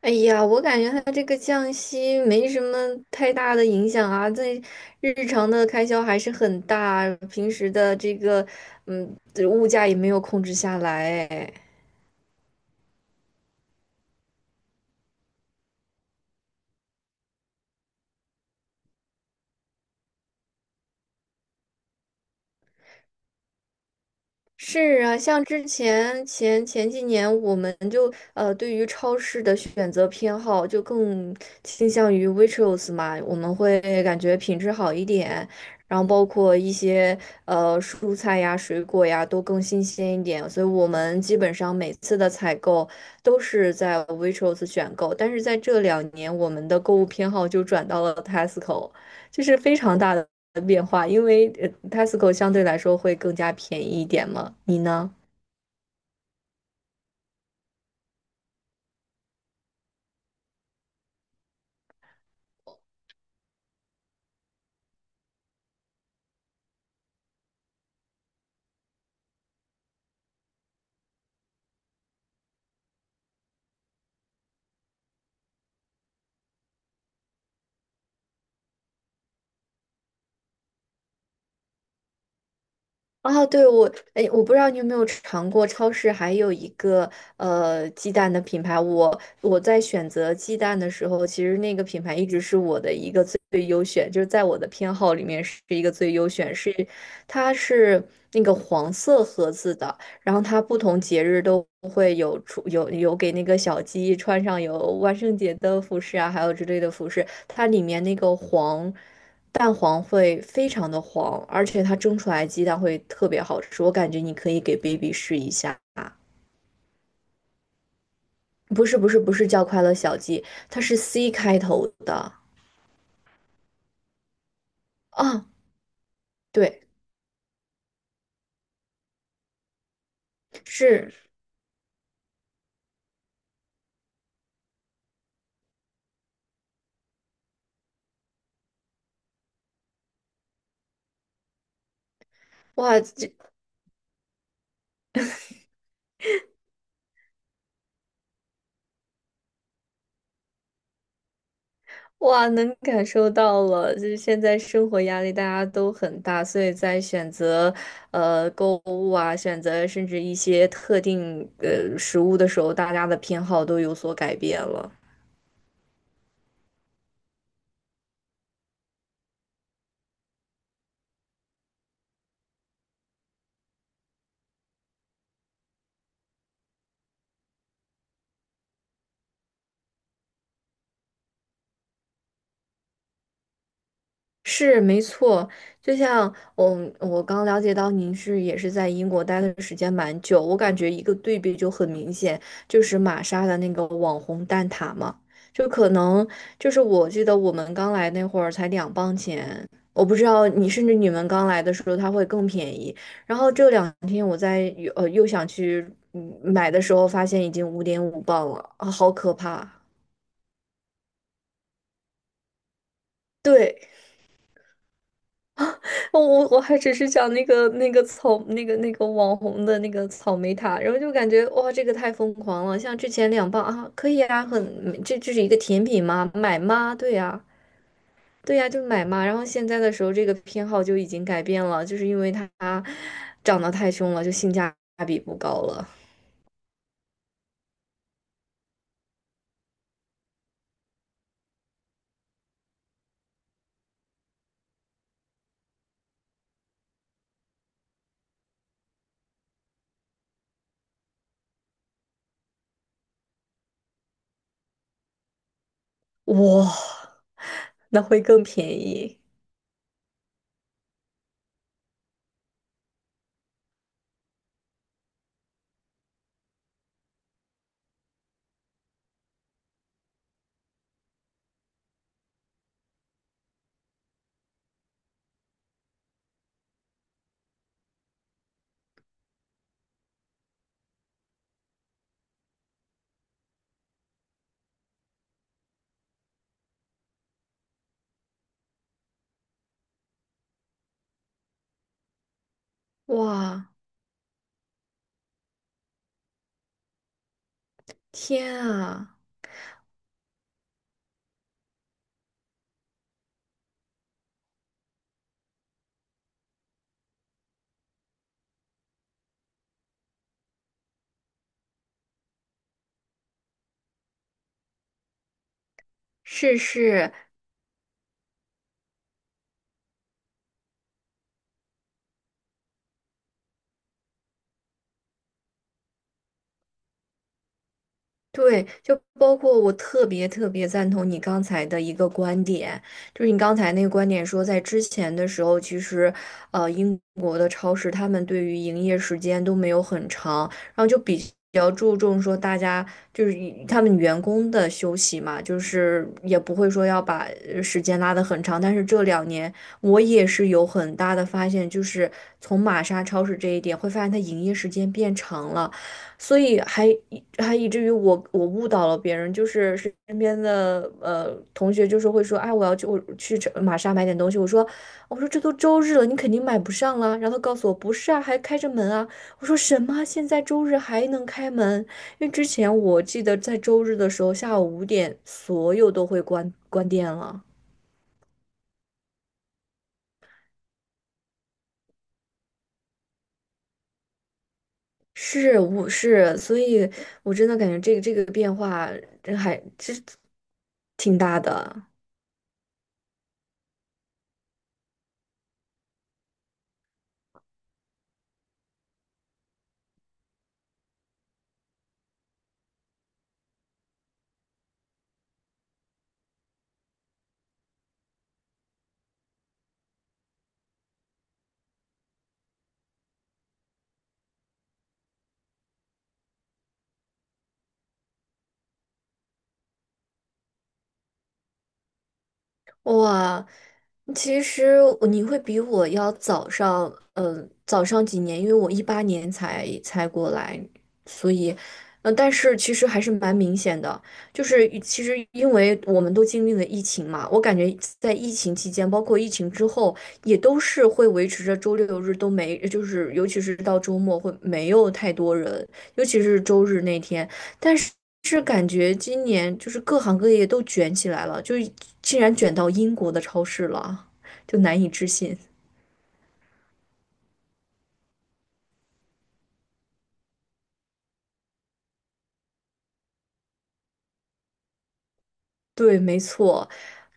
哎呀，我感觉它这个降息没什么太大的影响啊，对日常的开销还是很大，平时的这个嗯物价也没有控制下来哎。是啊，像之前几年，我们就对于超市的选择偏好就更倾向于 w a i t r o s 嘛，我们会感觉品质好一点，然后包括一些蔬菜呀、水果呀都更新鲜一点，所以我们基本上每次的采购都是在 w a i t r o s 选购，但是在这两年，我们的购物偏好就转到了 Tesco。就是非常大的变化，因为Tesco 相对来说会更加便宜一点嘛。你呢？啊，对，我，哎，我不知道你有没有尝过超市还有一个鸡蛋的品牌。我在选择鸡蛋的时候，其实那个品牌一直是我的一个最最优选，就是在我的偏好里面是一个最优选，它是那个黄色盒子的。然后它不同节日都会有出有有给那个小鸡穿上有万圣节的服饰啊，还有之类的服饰。它里面那个蛋黄会非常的黄，而且它蒸出来鸡蛋会特别好吃。我感觉你可以给 baby 试一下。不是不是不是叫快乐小鸡，它是 C 开头的。啊。对。是。哇，这。哇，能感受到了，就是现在生活压力大家都很大，所以在选择购物啊，选择甚至一些特定食物的时候，大家的偏好都有所改变了。是没错，就像我刚了解到您是也是在英国待的时间蛮久，我感觉一个对比就很明显，就是玛莎的那个网红蛋挞嘛，就可能就是我记得我们刚来那会儿才2磅钱，我不知道你甚至你们刚来的时候它会更便宜，然后这两天我在又想去买的时候，发现已经5.5磅了，啊，好可怕。对，我还只是讲那个那个草那个那个网红的那个草莓塔，然后就感觉哇，这个太疯狂了。像之前两磅啊，可以啊，这是一个甜品吗？买吗？对呀、对呀、就买嘛。然后现在的时候，这个偏好就已经改变了，就是因为它长得太凶了，就性价比不高了。哇，那会更便宜。哇，天啊。是是，对，就包括我特别特别赞同你刚才的一个观点，就是你刚才那个观点说，在之前的时候，其实，英国的超市他们对于营业时间都没有很长，然后就比较注重说大家就是以他们员工的休息嘛，就是也不会说要把时间拉得很长。但是这两年我也是有很大的发现，就是从玛莎超市这一点会发现它营业时间变长了。所以还以至于我误导了别人，就是身边的同学就是会说，哎，我去这玛莎买点东西，我说这都周日了，你肯定买不上了。然后他告诉我不是啊，还开着门啊。我说什么？现在周日还能开门？因为之前我记得在周日的时候下午五点所有都会关店了。是，我是，所以我真的感觉这个变化真还实挺大的。哇，其实我你会比我要早上几年，因为我18年才过来，所以，但是其实还是蛮明显的，就是其实因为我们都经历了疫情嘛，我感觉在疫情期间，包括疫情之后，也都是会维持着周六日都没，就是尤其是到周末会没有太多人，尤其是周日那天。但是是感觉今年就是各行各业都卷起来了，就竟然卷到英国的超市了，就难以置信。对，没错，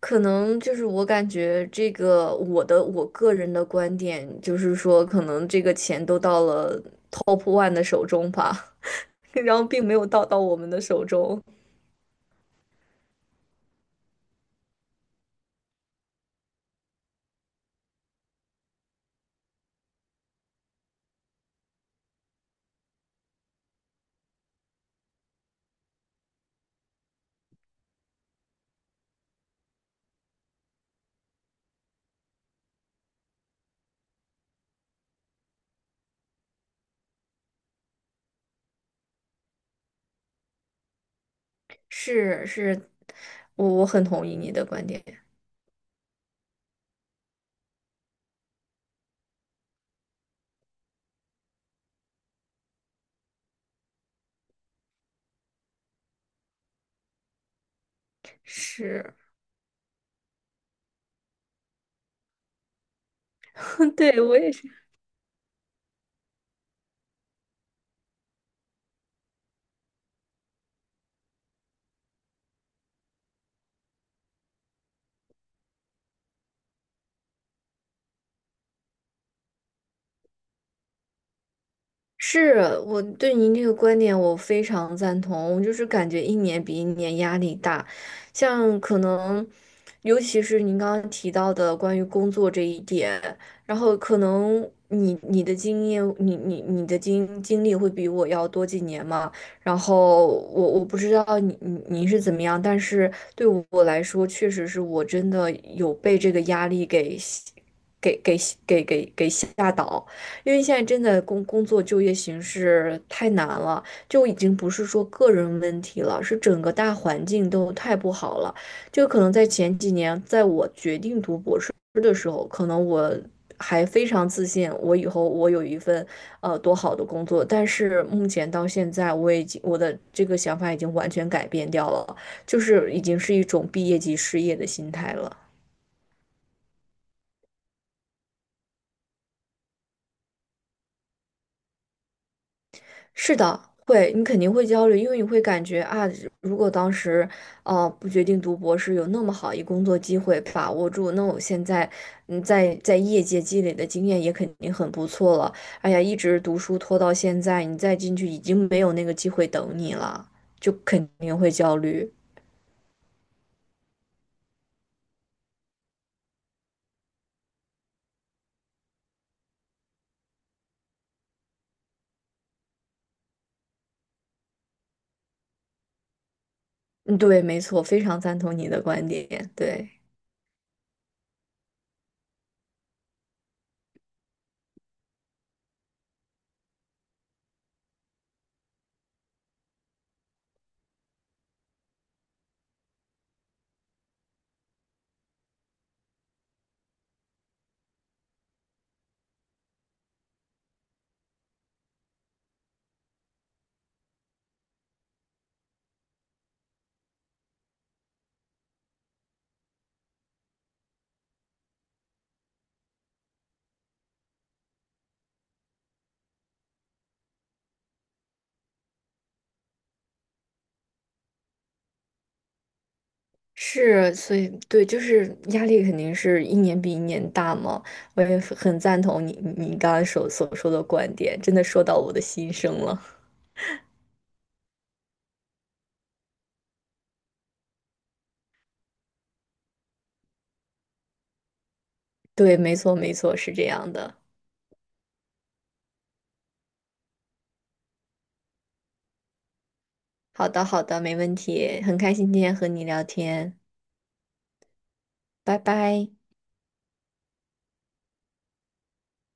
可能就是我感觉这个我的我个人的观点就是说，可能这个钱都到了 Top One 的手中吧，然后并没有到我们的手中。是是，我很同意你的观点。是，对，我也是。是，我对您这个观点，我非常赞同。我就是感觉一年比一年压力大，像可能，尤其是您刚刚提到的关于工作这一点，然后可能你的经验，你的经历会比我要多几年嘛。然后我不知道你是怎么样，但是对我来说，确实是我真的有被这个压力给给给吓倒。因为现在真的工作就业形势太难了，就已经不是说个人问题了，是整个大环境都太不好了。就可能在前几年，在我决定读博士的时候，可能我还非常自信，我以后我有一份多好的工作。但是目前到现在，我已经我的这个想法已经完全改变掉了，就是已经是一种毕业即失业的心态了。是的，会，你肯定会焦虑，因为你会感觉啊，如果当时，不决定读博士，有那么好一工作机会把握住，那我现在，在业界积累的经验也肯定很不错了。哎呀，一直读书拖到现在，你再进去已经没有那个机会等你了，就肯定会焦虑。嗯，对，没错，非常赞同你的观点，对。是，所以对，就是压力肯定是一年比一年大嘛。我也很赞同你刚刚所说的观点，真的说到我的心声了。对，没错，没错，是这样的。好的，好的，没问题，很开心今天和你聊天，拜拜。